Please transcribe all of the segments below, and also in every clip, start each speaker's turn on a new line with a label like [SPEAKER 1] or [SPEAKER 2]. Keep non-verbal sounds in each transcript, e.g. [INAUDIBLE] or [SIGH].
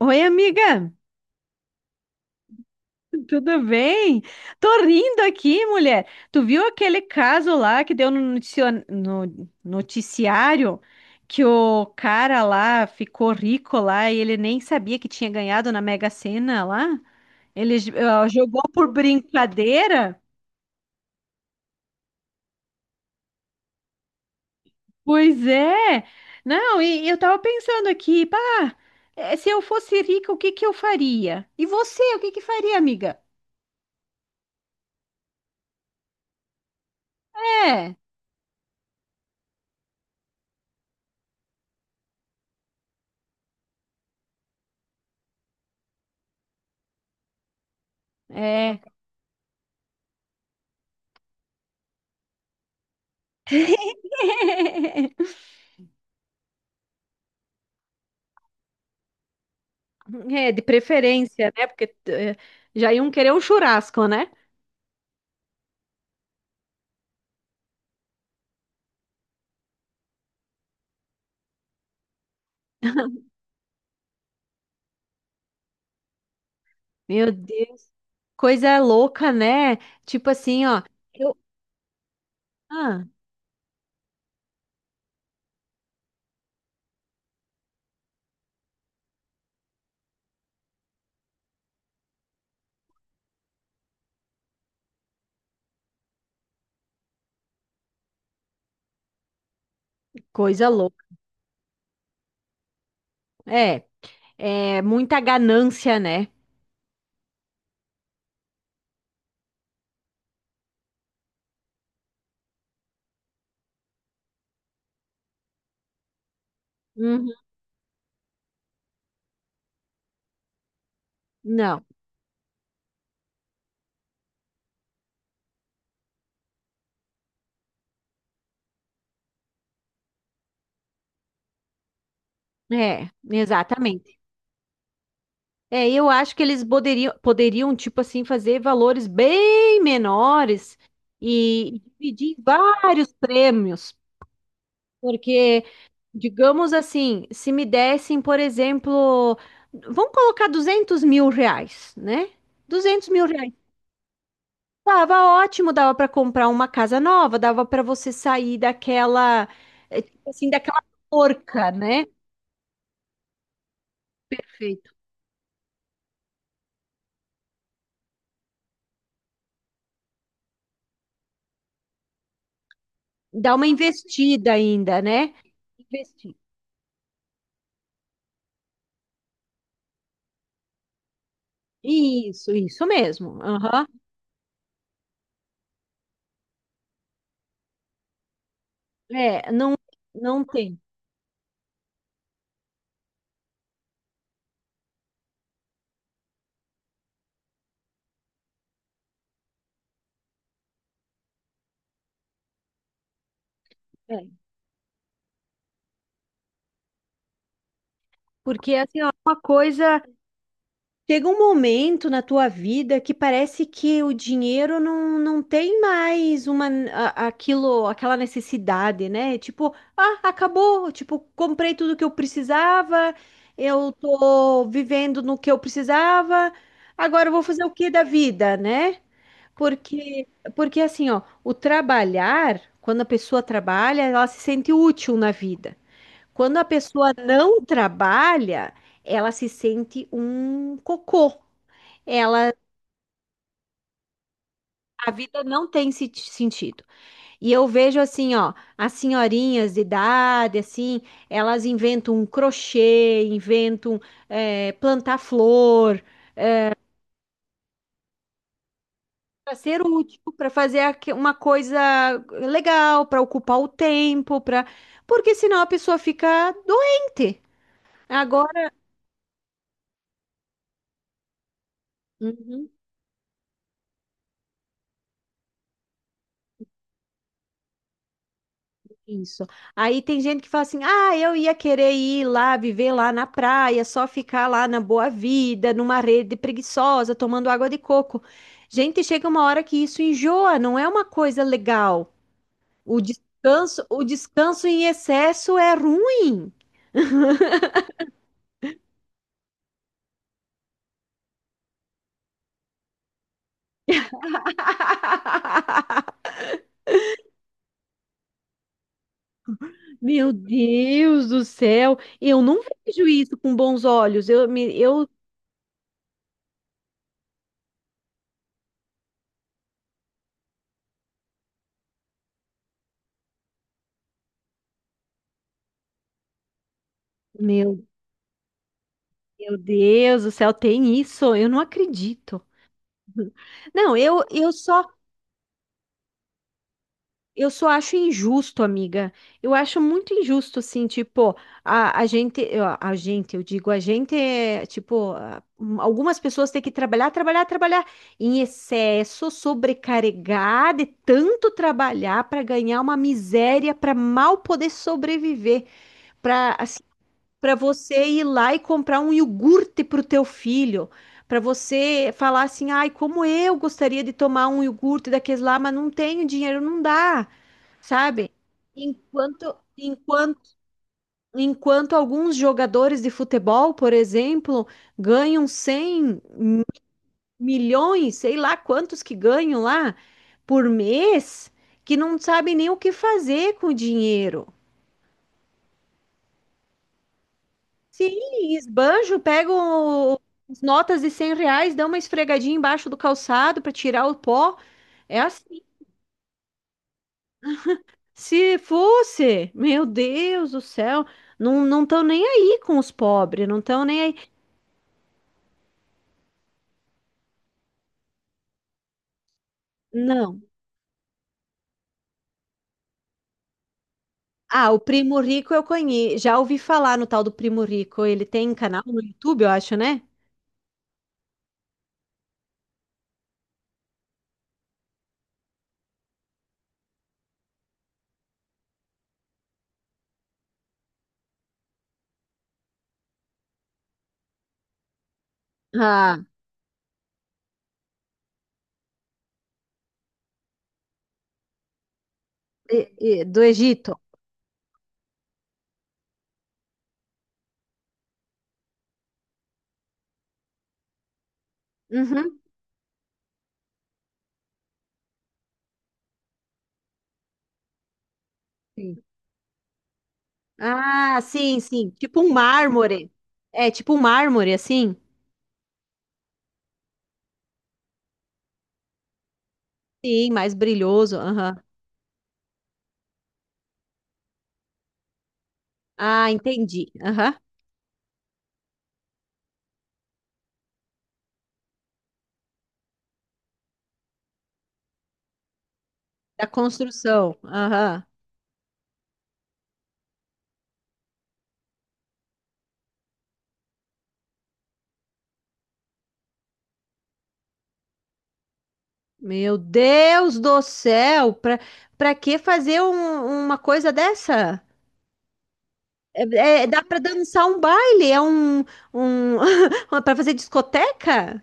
[SPEAKER 1] Oi, amiga, tudo bem? Tô rindo aqui, mulher. Tu viu aquele caso lá que deu no noticiário que o cara lá ficou rico lá e ele nem sabia que tinha ganhado na Mega Sena lá? Ele ó, jogou por brincadeira? Pois é. Não, e eu tava pensando aqui, pá, se eu fosse rica, o que que eu faria? E você, o que que faria, amiga? É, é. [LAUGHS] É, de preferência, né? Porque já iam querer um churrasco, né? Meu Deus, coisa louca, né? Tipo assim, ó, eu, ah, coisa louca. É, é muita ganância, né? Uhum. Não, é, exatamente. É, eu acho que eles poderiam, poderiam, tipo assim, fazer valores bem menores e dividir em vários prêmios, porque digamos assim, se me dessem, por exemplo, vamos colocar R$ 200.000, né? R$ 200.000. Tava ótimo, dava para comprar uma casa nova, dava para você sair daquela, tipo assim, daquela porca, né? Perfeito. Dar uma investida ainda, né? Investir. Isso mesmo. Aham. É, não, não tem. É. Porque assim, ó, uma coisa. Chega um momento na tua vida que parece que o dinheiro não tem mais aquela necessidade, né? Tipo, ah, acabou, tipo, comprei tudo que eu precisava, eu tô vivendo no que eu precisava, agora eu vou fazer o que da vida, né? Porque porque assim, ó, o trabalhar, quando a pessoa trabalha, ela se sente útil na vida. Quando a pessoa não trabalha, ela se sente um cocô. Ela, a vida não tem sentido. E eu vejo assim, ó, as senhorinhas de idade, assim, elas inventam um crochê, inventam plantar flor, para ser útil, para fazer uma coisa legal, para ocupar o tempo, para porque senão a pessoa fica doente. Agora, uhum. Isso. Aí tem gente que fala assim: ah, eu ia querer ir lá, viver lá na praia, só ficar lá na boa vida, numa rede preguiçosa, tomando água de coco. Gente, chega uma hora que isso enjoa, não é uma coisa legal. O descanso em excesso é ruim. [LAUGHS] Meu Deus do céu, eu não vejo isso com bons olhos. Eu, me- eu, meu, meu Deus do céu, tem isso? Eu não acredito. [LAUGHS] Não, eu só acho injusto, amiga. Eu acho muito injusto, assim, tipo, a gente, eu digo, a gente é, tipo, algumas pessoas têm que trabalhar, trabalhar, trabalhar em excesso, sobrecarregar de tanto trabalhar para ganhar uma miséria, para mal poder sobreviver, para para você ir lá e comprar um iogurte para o teu filho. Para você falar assim, ai, como eu gostaria de tomar um iogurte daqueles lá, mas não tenho dinheiro, não dá, sabe? Enquanto, enquanto, enquanto alguns jogadores de futebol, por exemplo, ganham 100 milhões, sei lá quantos que ganham lá por mês, que não sabem nem o que fazer com o dinheiro. Sim, esbanjo, pegam as notas de R$ 100, dão uma esfregadinha embaixo do calçado para tirar o pó. É assim. Se fosse, meu Deus do céu, não estão nem aí com os pobres, não estão nem aí. Não. Ah, o Primo Rico eu conheço. Já ouvi falar no tal do Primo Rico. Ele tem canal no YouTube, eu acho, né? Ah, e- do Egito. Uhum, sim. Ah, sim, sim. Tipo um mármore. É, tipo um mármore, assim? Sim, mais brilhoso. Aham. Ah, entendi. Aham. Da construção. Aham. Meu Deus do céu! Pra que fazer uma coisa dessa? É, dá pra dançar um baile, é um [LAUGHS] para fazer discoteca?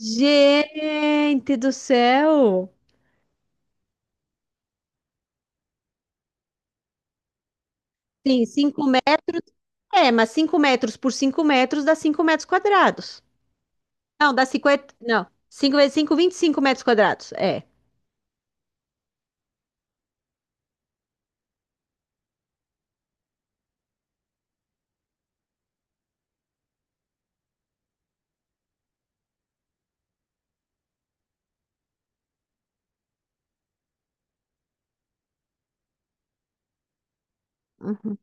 [SPEAKER 1] Gente do céu! Sim, 5 metros. É, mas 5 metros por 5 metros dá 5 metros quadrados. Não, dá 50. Não, 5 vezes cinco, 25 metros quadrados. É. Uhum.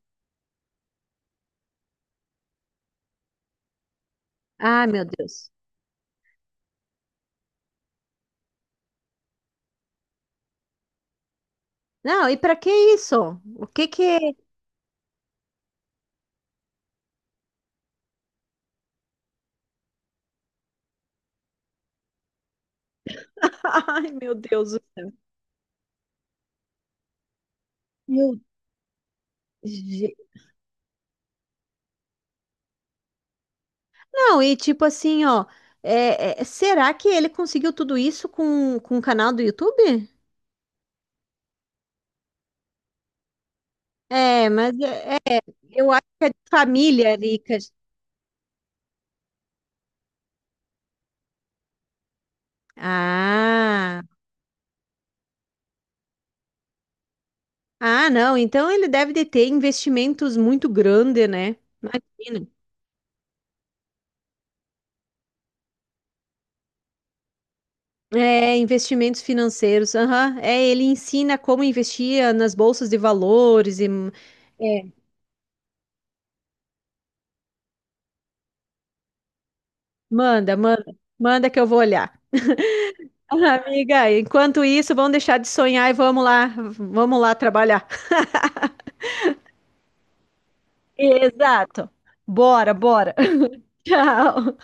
[SPEAKER 1] Ai, meu Deus. Não, e pra que isso? O que que é? [LAUGHS] Ai, meu Deus do céu. Meu... Não, e tipo assim, ó, será que ele conseguiu tudo isso com o canal do YouTube? É, mas é, eu acho que é de família rica. Ah, ah, não, então ele deve de ter investimentos muito grandes, né? Imagina. É, investimentos financeiros, aham. É, ele ensina como investir nas bolsas de valores. E, é, manda, manda, manda que eu vou olhar. [LAUGHS] Amiga, enquanto isso, vamos deixar de sonhar e vamos lá trabalhar. Exato. Bora, bora. [LAUGHS] Tchau.